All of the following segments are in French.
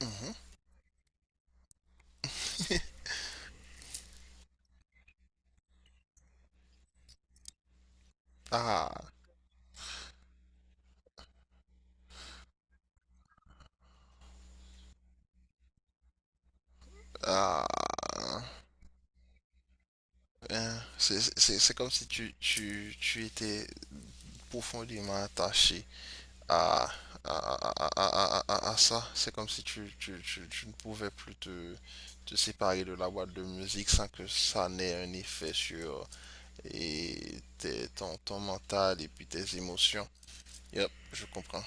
Mhm. Ah, ah, hein c'est comme si tu étais profondément attaché à, à ça. C'est comme si tu ne pouvais plus te séparer de la boîte de musique sans que ça n'ait un effet sur ton mental et puis tes émotions. Yep, je comprends,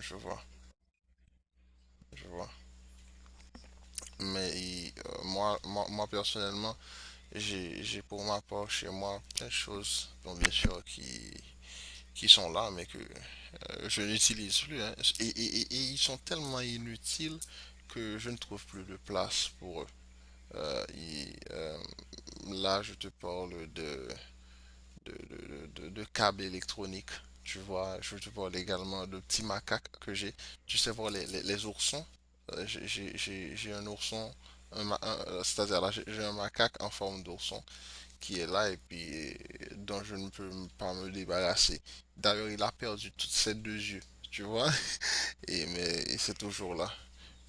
je vois, je vois. Mais moi personnellement, j'ai pour ma part chez moi plein de choses, bon, bien sûr, qui sont là, mais que je n'utilise plus, hein. Et ils sont tellement inutiles que je ne trouve plus de place pour eux. Euh, et, euh, là, je te parle de câbles électroniques. Tu vois, je te parle également de petits macaques que j'ai. Tu sais, voir les oursons. J'ai un ourson, c'est-à-dire là, j'ai un macaque en forme d'ourson qui est là et puis dont je ne peux pas me débarrasser. D'ailleurs, il a perdu toutes ses deux yeux, tu vois, et mais et c'est toujours là.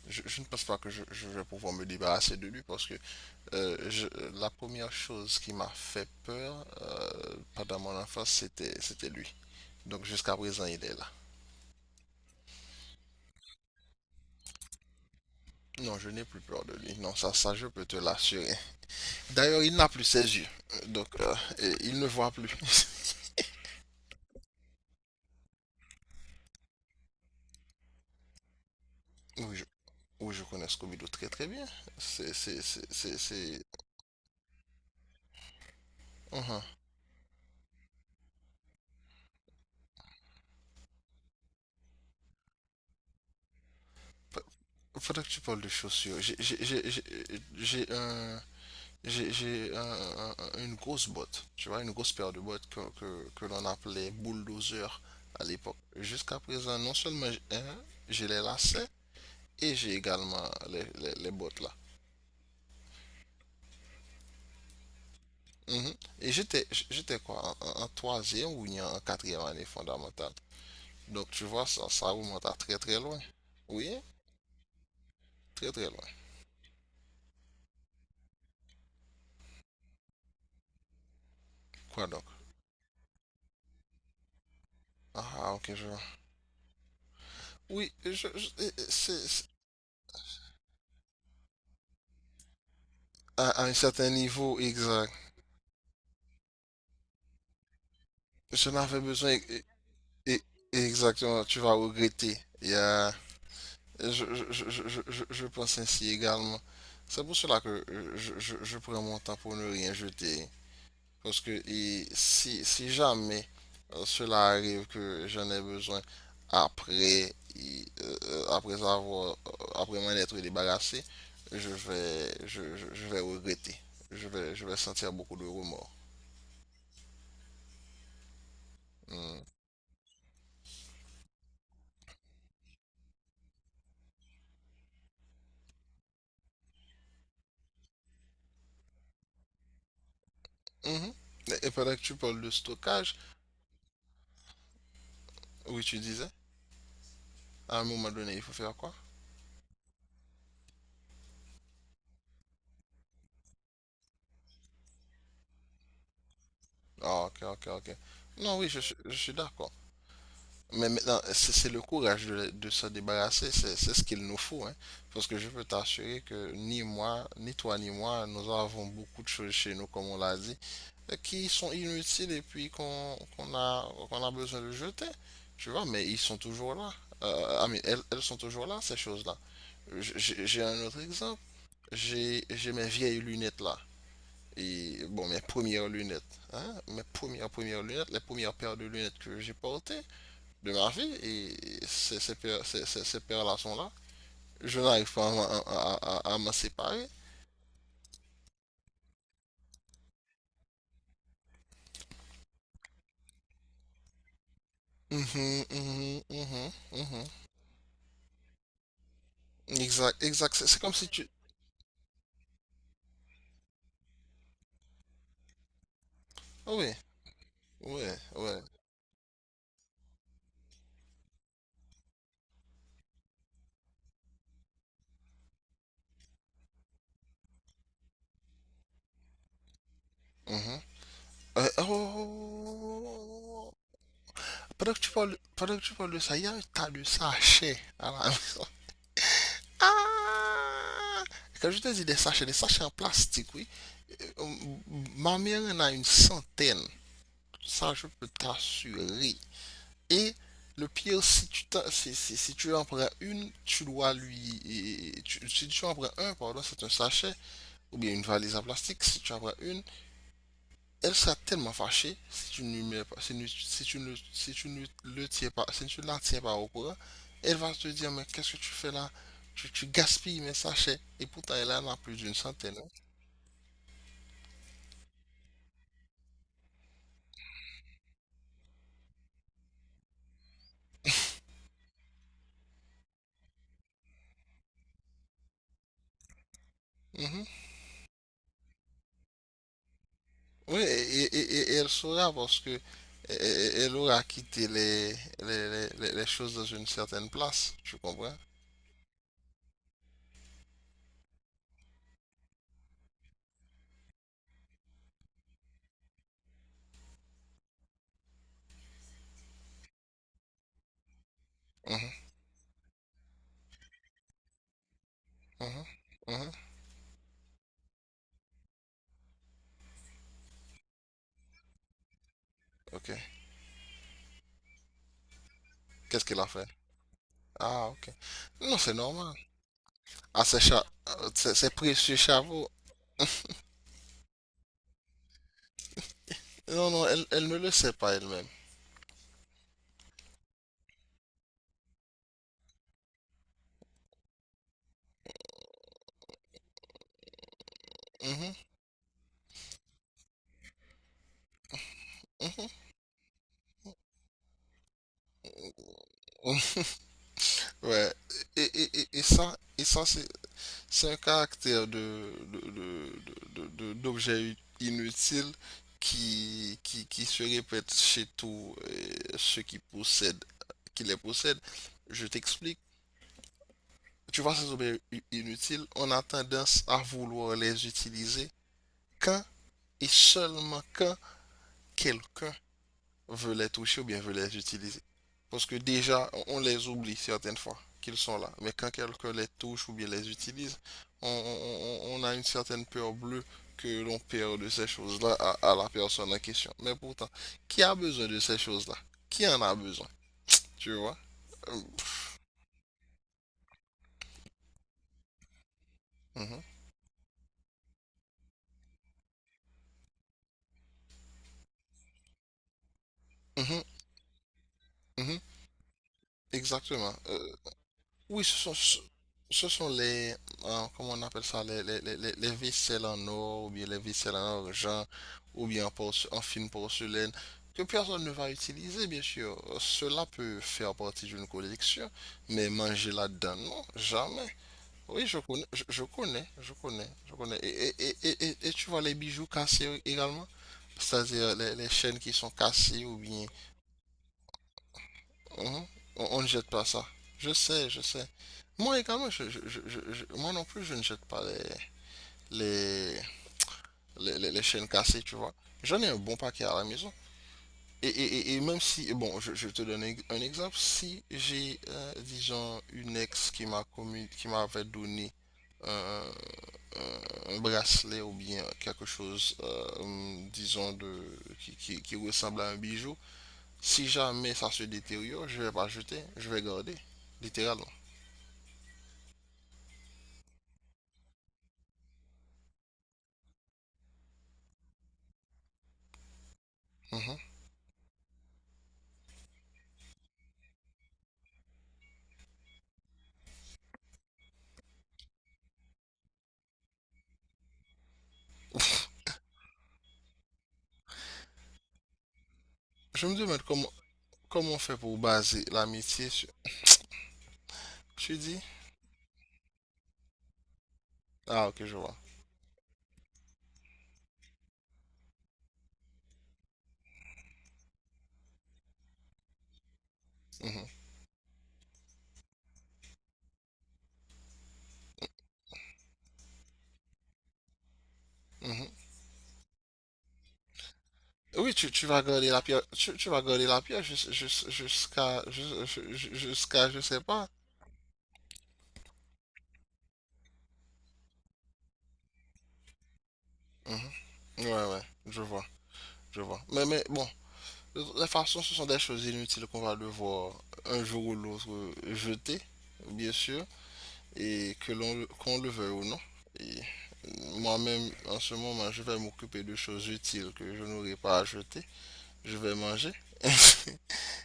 Je ne pense pas que je vais pouvoir me débarrasser de lui parce que la première chose qui m'a fait peur pendant mon enfance, c'était lui. Donc jusqu'à présent, il est là. Non, je n'ai plus peur de lui. Non, ça, je peux te l'assurer. D'ailleurs, il n'a plus ses yeux. Donc, il ne voit plus. Oui, oui, je connais Scooby-Doo très très bien. C'est... Uhum. Fa- Faudrait que tu parles de chaussures. J'ai un, j'ai un- une grosse botte, tu vois, une grosse paire de bottes que l'on appelait bulldozer à l'époque. Jusqu'à présent, non seulement j'ai, hein, j'ai les lacets et j'ai également les bottes là. Mhm. Et j'étais quoi, en troisième ou bien en quatrième année fondamentale. Donc tu vois, ça remonte à très très loin. Oui, très très loin. Quoi donc? Ah, ok, je vois. Oui, c'est, à un certain niveau, exact. Je n'avais besoin, et- et exactement, tu vas regretter. Je pense ainsi également. C'est pour cela que je prends mon temps pour ne rien jeter. Parce que et si, si jamais cela arrive que j'en ai besoin après, après avoir, après m'en être débarrassé, je vais regretter. Je vais sentir beaucoup de remords. Hmm. Mhm. Et pendant que tu parles de stockage, oui, tu disais, à un moment donné, il faut faire quoi? Ah, ok, ok, ok. Non, oui, je suis d'accord. Mais maintenant, c'est le courage de s'en débarrasser, c'est ce qu'il nous faut, hein. Parce que je peux t'assurer que ni moi, ni toi, ni moi, nous avons beaucoup de choses chez nous, comme on l'a dit, qui sont inutiles et puis qu'on a besoin de jeter, tu vois, mais ils sont toujours là. Mais elles, elles sont toujours là, ces choses-là. J'ai un autre exemple. J'ai mes vieilles lunettes là. Et bon, mes premières lunettes, hein, mes premières lunettes, les premières paires de lunettes que j'ai portées de ma vie et ces relations-là, je n'arrive pas à m'en séparer. Mm mhm, mm mhm. Exact, exact. C'est comme si tu... Oui, oui, oui. Mhm. Oh, oh, oh, oh. oh, oh, oh, oh, oh, oh. Pendant que tu parles, pendant que tu parles de ça, il y a un tas de sachets à la maison. Ah! Quand je te dis des sachets en plastique, oui. Euh, ma mère en a une centaine. Ça, je peux t'assurer. Et le pire, si tu en prends une, tu dois lui. Si tu en prends un, pardon, c'est un sachet, ou bien une valise en plastique, si tu en prends une, elle sera tellement fâchée si tu ne le tiens pas, si tu ne la tiens pas au courant, elle va te dire, mais qu'est-ce que tu fais là? Tu gaspilles mes sachets. Et pourtant, elle en a plus d'une centaine, hein. Mhm. Oui, et, et elle saura parce que elle aura quitté les choses dans une certaine place, tu comprends? Mhm, mhm, mhm, ok. Qu'est-ce qu'elle a fait? Ah, ok. Non, c'est normal. Ah, c'est c'est précieux, Chavo. Non, non, elle, elle ne le sait pas elle-même. Mhm, mhm, mhm. Ouais. Et ça c'est un caractère de d'objet inutile qui se répète chez tous ceux qui possèdent, qui les possèdent. Je t'explique. Tu vois, ces objets inutiles, on a tendance à vouloir les utiliser quand et seulement quand quelqu'un veut les toucher ou bien veut les utiliser. Parce que déjà, on les oublie certaines fois qu'ils sont là. Mais quand quelqu'un les touche ou bien les utilise, on a une certaine peur bleue que l'on perd de ces choses-là à la personne en question. Mais pourtant, qui a besoin de ces choses-là? Qui en a besoin? Tu vois? Euh, mhm, mhm, mhm, exactement. Oui, ce sont les, comment on appelle ça, les ficelles en or, ou bien les ficelles en argent, ou bien en, en fine porcelaine, que personne ne va utiliser, bien sûr. Cela peut faire partie d'une collection, mais manger là-dedans, non, jamais. Oui, je connais, je connais. Et tu vois les bijoux cassés également? C'est-à-dire les chaînes qui sont cassées, ou bien Mhm. On ne jette pas ça. Je sais, je sais. Moi également, moi non plus, je ne jette pas les, les les chaînes cassées, tu vois. J'en ai un bon paquet à la maison. Et, et même si, bon, je te donne un exemple, si j'ai, disons, une ex qui qui m'avait donné un, un bracelet ou bien quelque chose, disons, de, qui ressemble à un bijou, si jamais ça se détériore, je vais pas jeter, je vais garder, littéralement. Mhm. Je me demande comment, comment on fait pour baser l'amitié sur... Tu dis? Ah, ok, je vois. Mhm, mhm. Oui, tu vas garder la pierre, tu vas garder la pierre jusqu'à, je sais pas. Mhm. Ouais, ouais, je vois, je vois. Mais bon, de toute façon, ce sont des choses inutiles qu'on va devoir un jour ou l'autre jeter, bien sûr. Et que l'on qu'on le veuille ou non. Et moi-même, en ce moment, je vais m'occuper de choses utiles que je n'aurai pas à jeter. Je vais manger.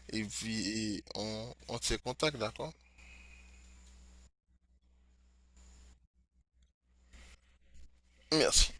Et puis, on se contacte d'accord? Merci.